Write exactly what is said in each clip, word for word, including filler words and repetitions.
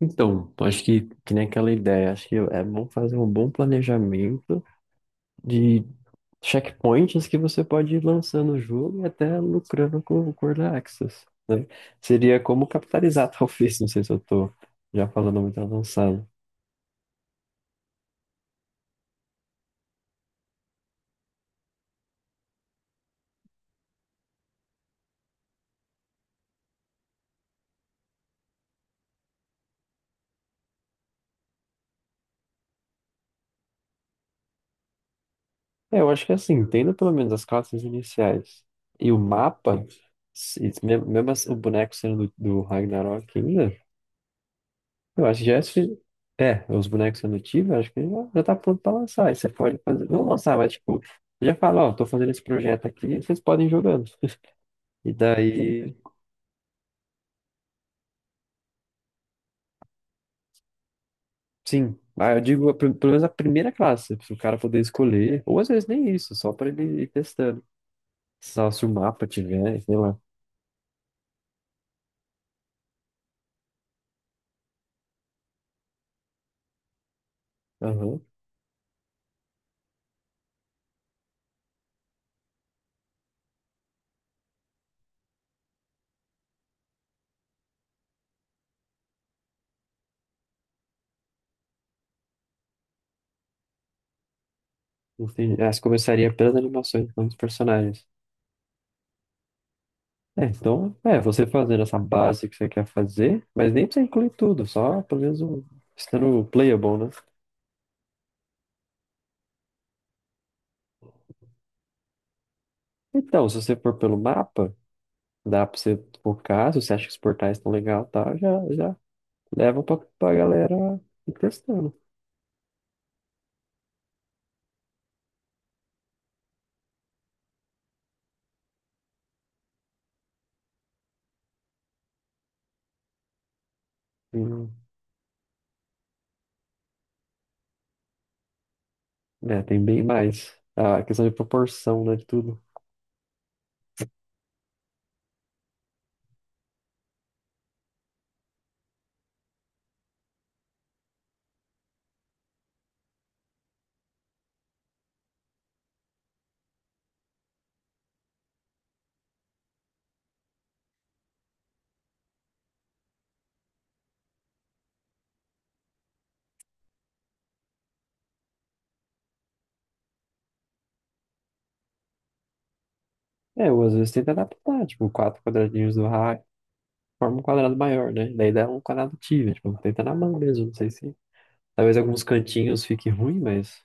Então, acho que, que nem aquela ideia, acho que é bom fazer um bom planejamento de checkpoints que você pode ir lançando o jogo e até lucrando com o Early Access, né? Seria como capitalizar, talvez, não sei se eu tô já falando muito avançado. É, eu acho que é assim, tendo pelo menos as classes iniciais e o mapa, se- mesmo, mesmo assim, o boneco sendo do, do Ragnarok ainda. Eu acho que já é, sufi- é, os bonecos adotivos, eu acho que já, já tá pronto pra lançar. Aí você pode fazer, não lançar, mas tipo, já fala, ó, tô fazendo esse projeto aqui, vocês podem ir jogando. E daí, sim, ah, eu digo a prim- pelo menos a primeira classe, se o cara poder escolher, ou às vezes nem isso, só pra ele ir testando. Só se o mapa tiver, sei lá. Aham. Entendi. Ah, você começaria pelas animações, não os personagens. É, então, é, você fazendo essa base que você quer fazer, mas nem precisa incluir tudo, só pelo menos um, estando playable, né? Então, se você for pelo mapa, dá pra você focar, se você acha que os portais estão legal, e tal, já, já leva pra, pra galera ir testando. E, né, tem bem mais. A questão de proporção, né, de tudo. É, eu às vezes tento adaptar, tipo, quatro quadradinhos do raio, forma um quadrado maior, né? Daí dá um quadrado tive, tipo, tenta na mão mesmo, não sei se. Talvez alguns cantinhos fique ruim, mas.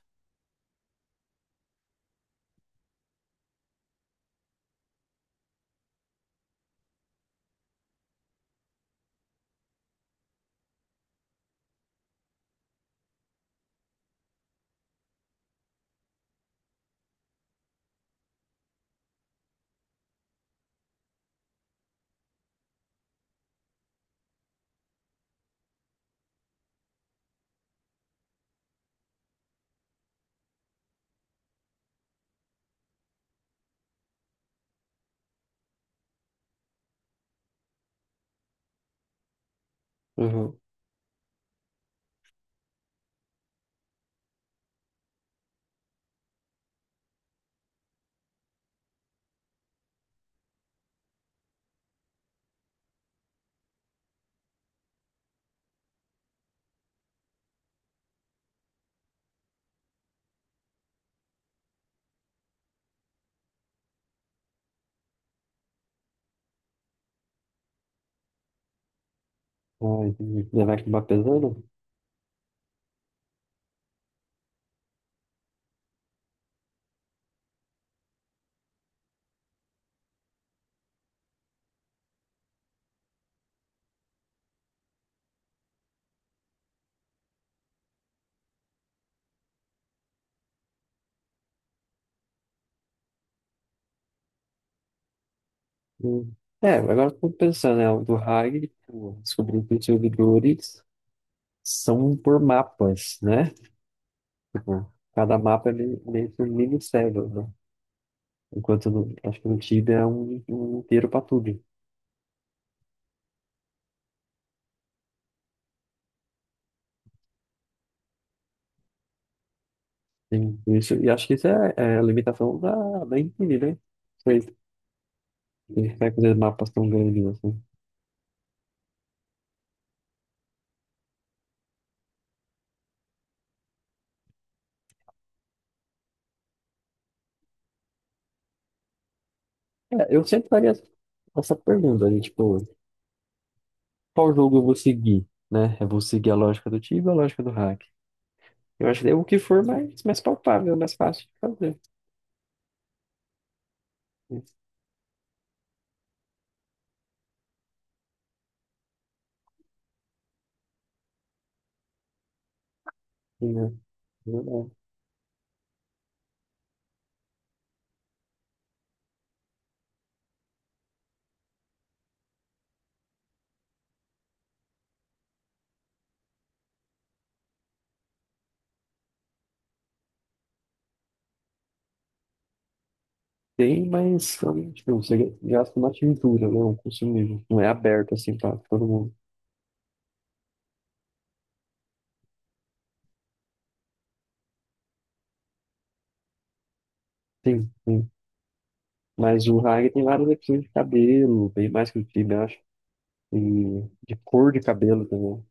Uhum. Ai, levar que vai acabar pesando. Hum. É, agora eu tô pensando, né, o do Hag, tipo, descobri que tinha o do Doric, são por mapas, né? Tipo, cada mapa é meio meio que um mini-cérebro, né? Enquanto no, acho que no Tibia é um, um inteiro para tudo. Tem isso, e acho que isso é, é a limitação da, da Infinity, né? Foi, vai fazer mapas tão grandes assim. É, eu sempre faria essa pergunta, né? Tipo, qual jogo eu vou seguir, né? Eu vou seguir a lógica do Tibia ou a lógica do hack? Eu acho que é o que for mais, mais palpável, mais fácil de fazer. Sim, né? Tem, mas também, tipo, você gasta uma tintura, né? Um consumível. Não é aberto assim pra todo mundo. Sim, sim. Mas o Hag tem várias opções de cabelo, bem mais que o time, eu acho. E de cor de cabelo também.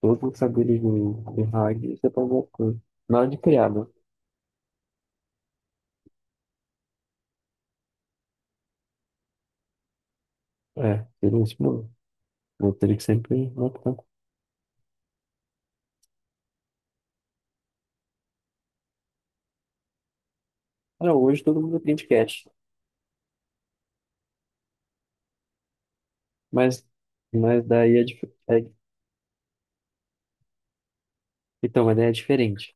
Todos os cabelos do, do Hag você pode mudar de cor. Na hora de criar, né? É, seria isso, mano. Vou ter que sempre optar. Ah, hoje todo mundo tem de cat. Mas, mas daí é, dif- é. Então, mas daí é diferente.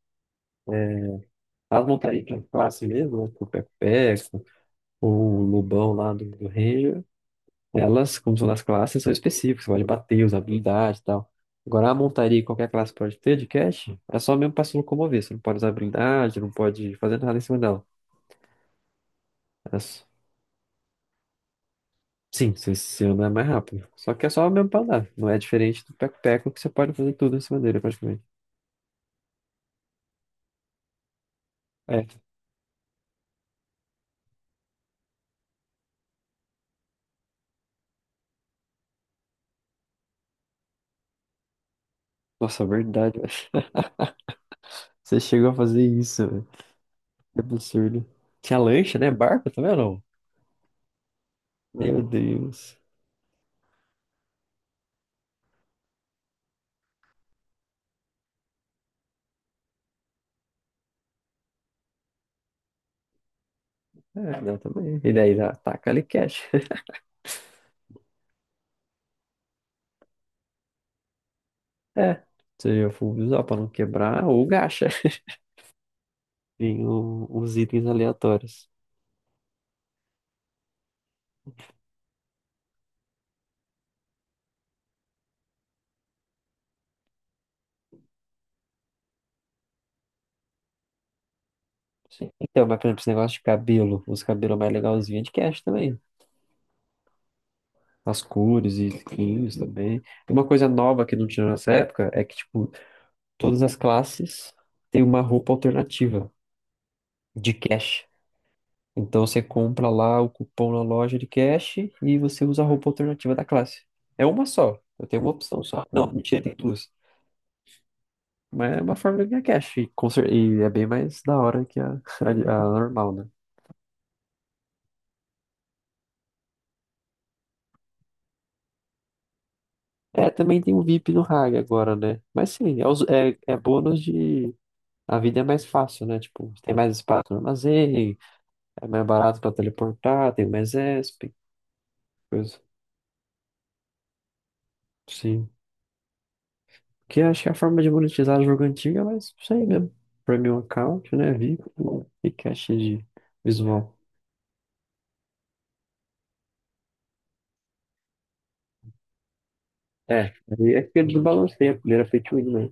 As montarias pra classe mesmo, né? Tipo, Peco-Peco. O Lobão lá do, do Ranger, elas, como são das classes, são específicas, você pode bater, usar habilidade e tal. Agora, a montaria que qualquer classe pode ter de cash é só mesmo para se locomover. Você não pode usar habilidade, não pode fazer nada em cima dela. É s- sim, você, você anda mais rápido. Só que é só mesmo para andar. Não é diferente do Peco-Peco que você pode fazer tudo em cima dele, praticamente. É, nossa, verdade, velho. Você chegou a fazer isso, velho. Que absurdo. Tinha lancha, né? Barco também ou não? Meu Deus. É, não, também. E daí ataca ali cash. É, seria full usar pra não quebrar ou gacha. Tem o- os itens aleatórios. Sim. Então, mas por exemplo, esse negócio de cabelo, os cabelos mais legalzinhos é de cash também. As cores e skins também. E uma coisa nova que não tinha nessa época é que, tipo, todas as classes têm uma roupa alternativa de cash. Então você compra lá o cupom na loja de cash e você usa a roupa alternativa da classe. É uma só. Eu tenho uma opção só. Não, mentira, tem duas. Mas é uma forma de ganhar cash. E, com cer- e é bem mais da hora que a, a, a normal, né? É, também tem o V I P no Hag agora, né? Mas sim, é, os- é, é bônus de. A vida é mais fácil, né? Tipo, tem mais espaço no armazém, é mais barato pra teleportar, tem mais E S P, coisa. Sim. Que eu acho que é a forma de monetizar jogo antigo é mais isso aí mesmo. Premium account, né? V I P e cash de visual. É, aí é que ele desbalanceia, porque ele era feito win, né?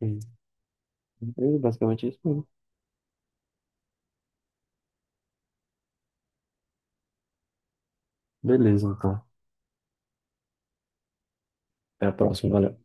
Sim. É basicamente isso mesmo. Beleza, então. Até a próxima, valeu.